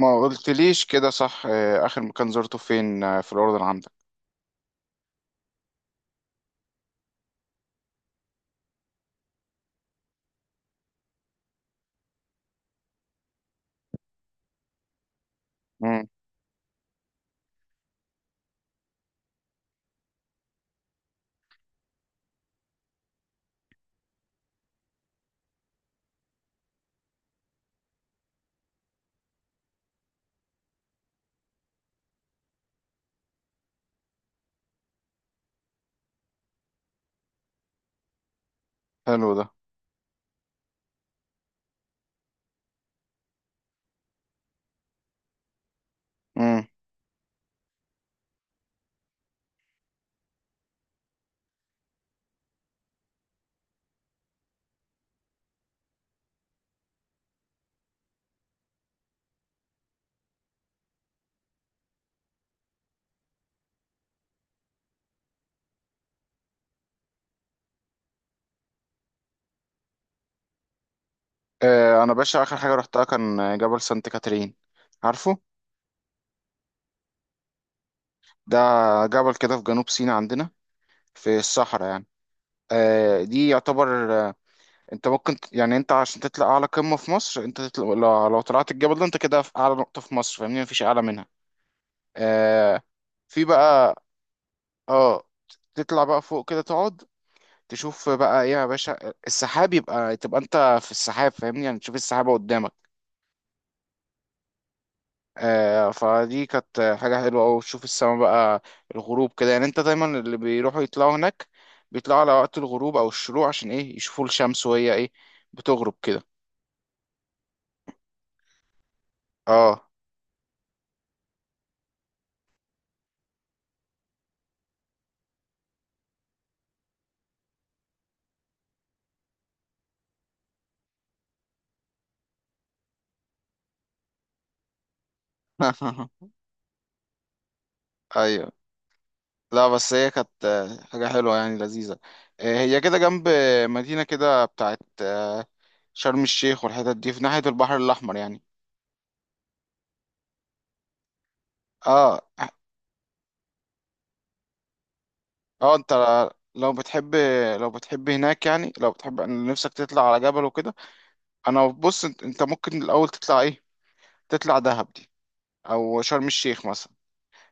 ما قلتليش كده، صح؟ اخر مكان زرته فين؟ في الاردن، عندك؟ امم. حلو ده. امم. انا باشا، اخر حاجه رحتها كان جبل سانت كاترين. عارفه؟ ده جبل كده في جنوب سيناء عندنا، في الصحراء يعني. دي يعتبر، آه، انت ممكن يعني انت عشان تطلع اعلى قمه في مصر، انت تطلع لو طلعت الجبل ده، انت كده في اعلى نقطه في مصر، فاهمني، مفيش اعلى منها. آه، في بقى. اه. تطلع بقى فوق كده، تقعد تشوف بقى ايه يا باشا، السحاب، يبقى تبقى انت في السحاب، فاهمني يعني تشوف السحابة قدامك. فدي كانت حاجة حلوة أوي، تشوف السما بقى، الغروب كده. يعني انت دايما، اللي بيروحوا يطلعوا هناك بيطلعوا على وقت الغروب أو الشروق، عشان ايه؟ يشوفوا الشمس وهي ايه، بتغرب كده. اه. ايوه. لا، بس هي كانت حاجة حلوة يعني، لذيذة. هي كده جنب مدينة كده بتاعت شرم الشيخ، والحتت دي في ناحية البحر الأحمر يعني. اه. اه، انت، لو بتحب، لو بتحب هناك، يعني لو بتحب ان نفسك تطلع على جبل وكده. انا بص، انت ممكن الاول تطلع ايه؟ تطلع دهب دي، او شرم الشيخ مثلا.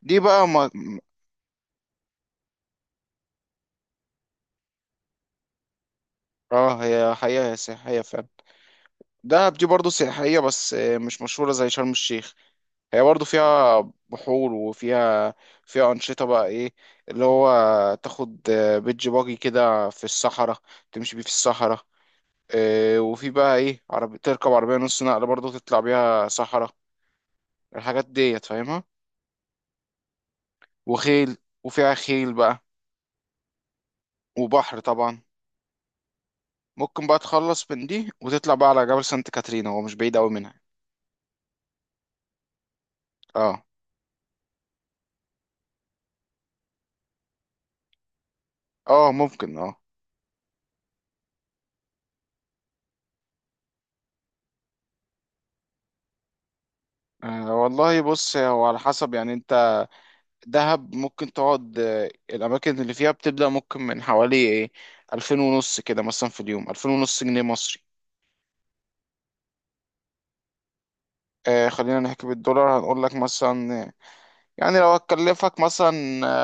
دي بقى ما... اه، هي حقيقة هي سياحية فعلا. دهب دي برضو سياحية، بس مش مشهورة زي شرم الشيخ. هي برضو فيها بحور، وفيها أنشطة بقى، ايه اللي هو، تاخد بيتش باجي كده في الصحراء، تمشي بيه في الصحراء. وفي بقى ايه، عربي، تركب عربية نص نقل برضه، تطلع بيها صحراء، الحاجات ديت فاهمها، وخيل، وفيها خيل بقى، وبحر طبعا. ممكن بقى تخلص من دي وتطلع بقى على جبل سانت كاترينا، هو مش بعيد قوي منها. اه. اه، ممكن، اه. والله بص، هو على حسب يعني. انت دهب ممكن تقعد، الأماكن اللي فيها بتبدأ ممكن من حوالي ايه، 2500 كده مثلا، في اليوم 2500 جنيه مصري. خلينا نحكي بالدولار. هنقول لك مثلا، يعني لو هتكلفك مثلا،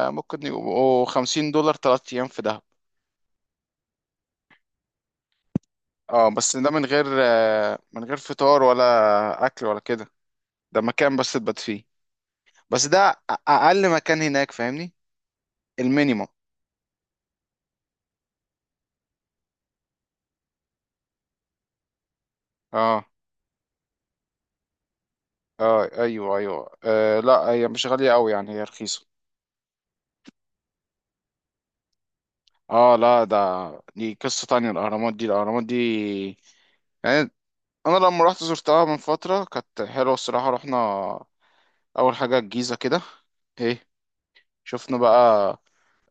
ممكن يبقوا 50 دولار 3 أيام في دهب. اه، بس ده من غير من غير فطار ولا أكل ولا كده. ده مكان بس تبات فيه. بس ده أقل مكان هناك، فاهمني. المينيمم. اه. اه، ايوه، ايوه. لا، هي مش غالية أوي يعني، هي رخيصة. اه، لا ده، دي قصة تانية. الأهرامات دي، الأهرامات دي يعني، أنا لما رحت زرتها من فترة كانت حلوة الصراحة. رحنا أول حاجة الجيزة كده، ايه، شفنا بقى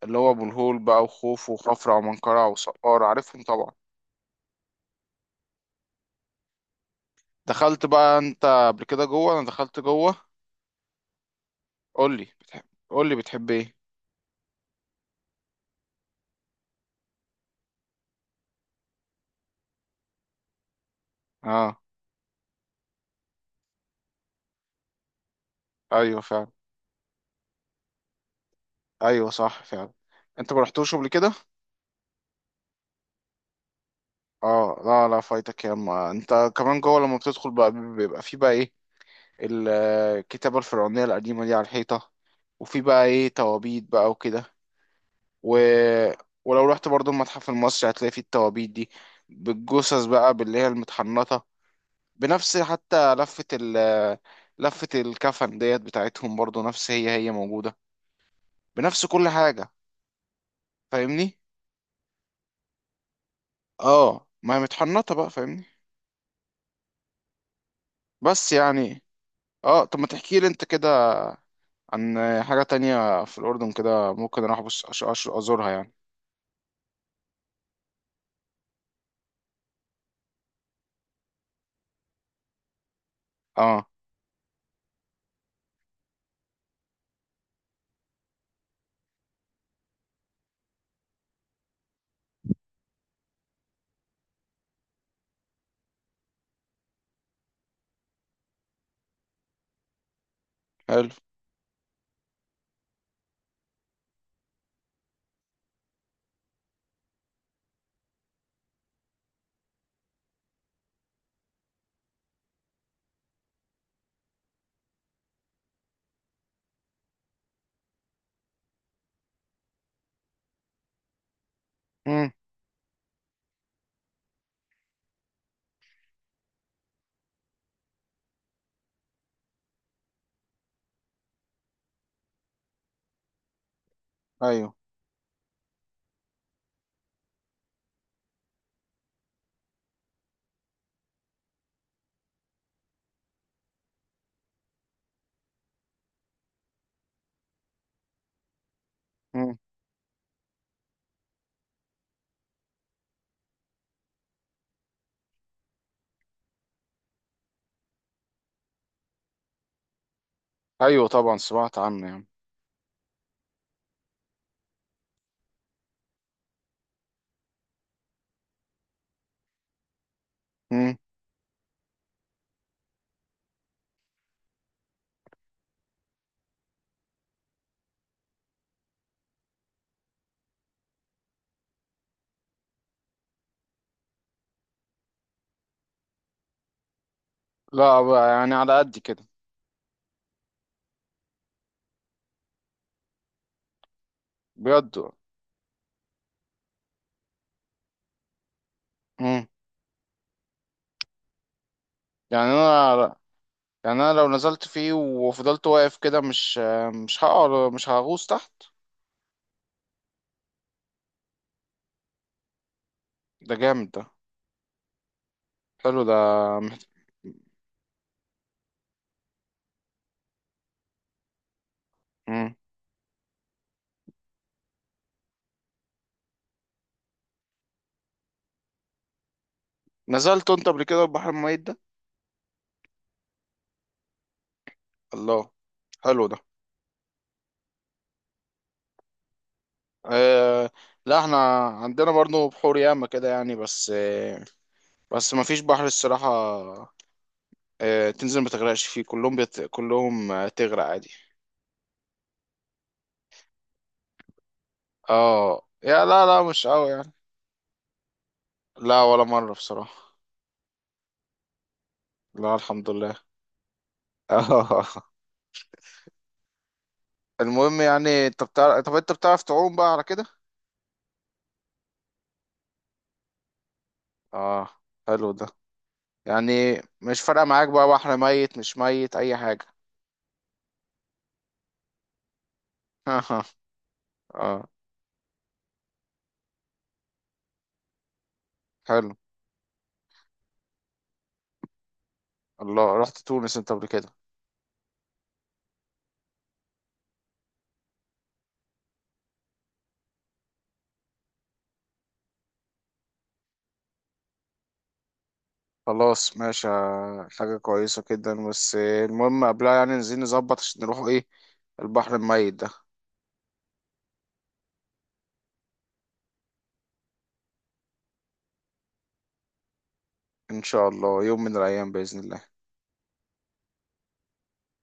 اللي هو ابو الهول بقى، وخوف وخفرع ومنقرع وسقارة، عارفهم طبعا. دخلت بقى انت قبل كده جوه؟ انا دخلت جوه. قول لي بتحب، قول لي بتحب ايه. اه، ايوه فعلا. ايوه صح فعلا. انت ما رحتوش قبل كده؟ اه، لا لا، فايتك يا اما. انت كمان جوه لما بتدخل بقى، بيبقى في بقى ايه، ال- الكتابة الفرعونية القديمة دي على الحيطة، وفي بقى ايه توابيت بقى وكده، و... ولو رحت برضو المتحف المصري هتلاقي فيه التوابيت دي، بالجثث بقى، باللي هي المتحنطة، بنفس حتى لفة ال، لفة الكفن ديت بتاعتهم، برضو نفس، هي موجودة بنفس كل حاجة، فاهمني. اه، ما هي متحنطة بقى، فاهمني. بس يعني، اه، طب ما تحكي لي انت كده عن حاجة تانية في الأردن كده ممكن اروح ابص، ازورها يعني. اه. حلو. مم. ايوه. مم. ايوه، طبعا سمعت عنه يعني. مم. لا بقى يعني، على قد كده. بجد. مم. يعني انا، يعني انا لو نزلت فيه وفضلت واقف كده مش، مش هقع، مش هغوص تحت؟ ده جامد ده. حلو ده. محت- مم. نزلت انت قبل كده البحر الميت ده؟ الله. حلو ده. آه لا، احنا عندنا برضه بحور ياما كده يعني، بس ما فيش بحر الصراحة. تنزل ما تغرقش فيه كلهم، كلهم، تغرق عادي. اه، يا، لا لا مش قوي يعني. لا، ولا مرة بصراحة. لا، الحمد لله. المهم يعني، انت بتعرف، طب انت بتعرف تعوم بقى على كده؟ اه. حلو ده. يعني مش فارقه معاك بقى، بحر ميت مش ميت، اي حاجه. اه. حلو. الله، رحت تونس انت قبل كده؟ خلاص ماشي. حاجه كويسه جدا. بس المهم قبلها يعني، عايزين نظبط عشان نروحوا ايه، البحر الميت ده. ان شاء الله يوم من الايام باذن الله.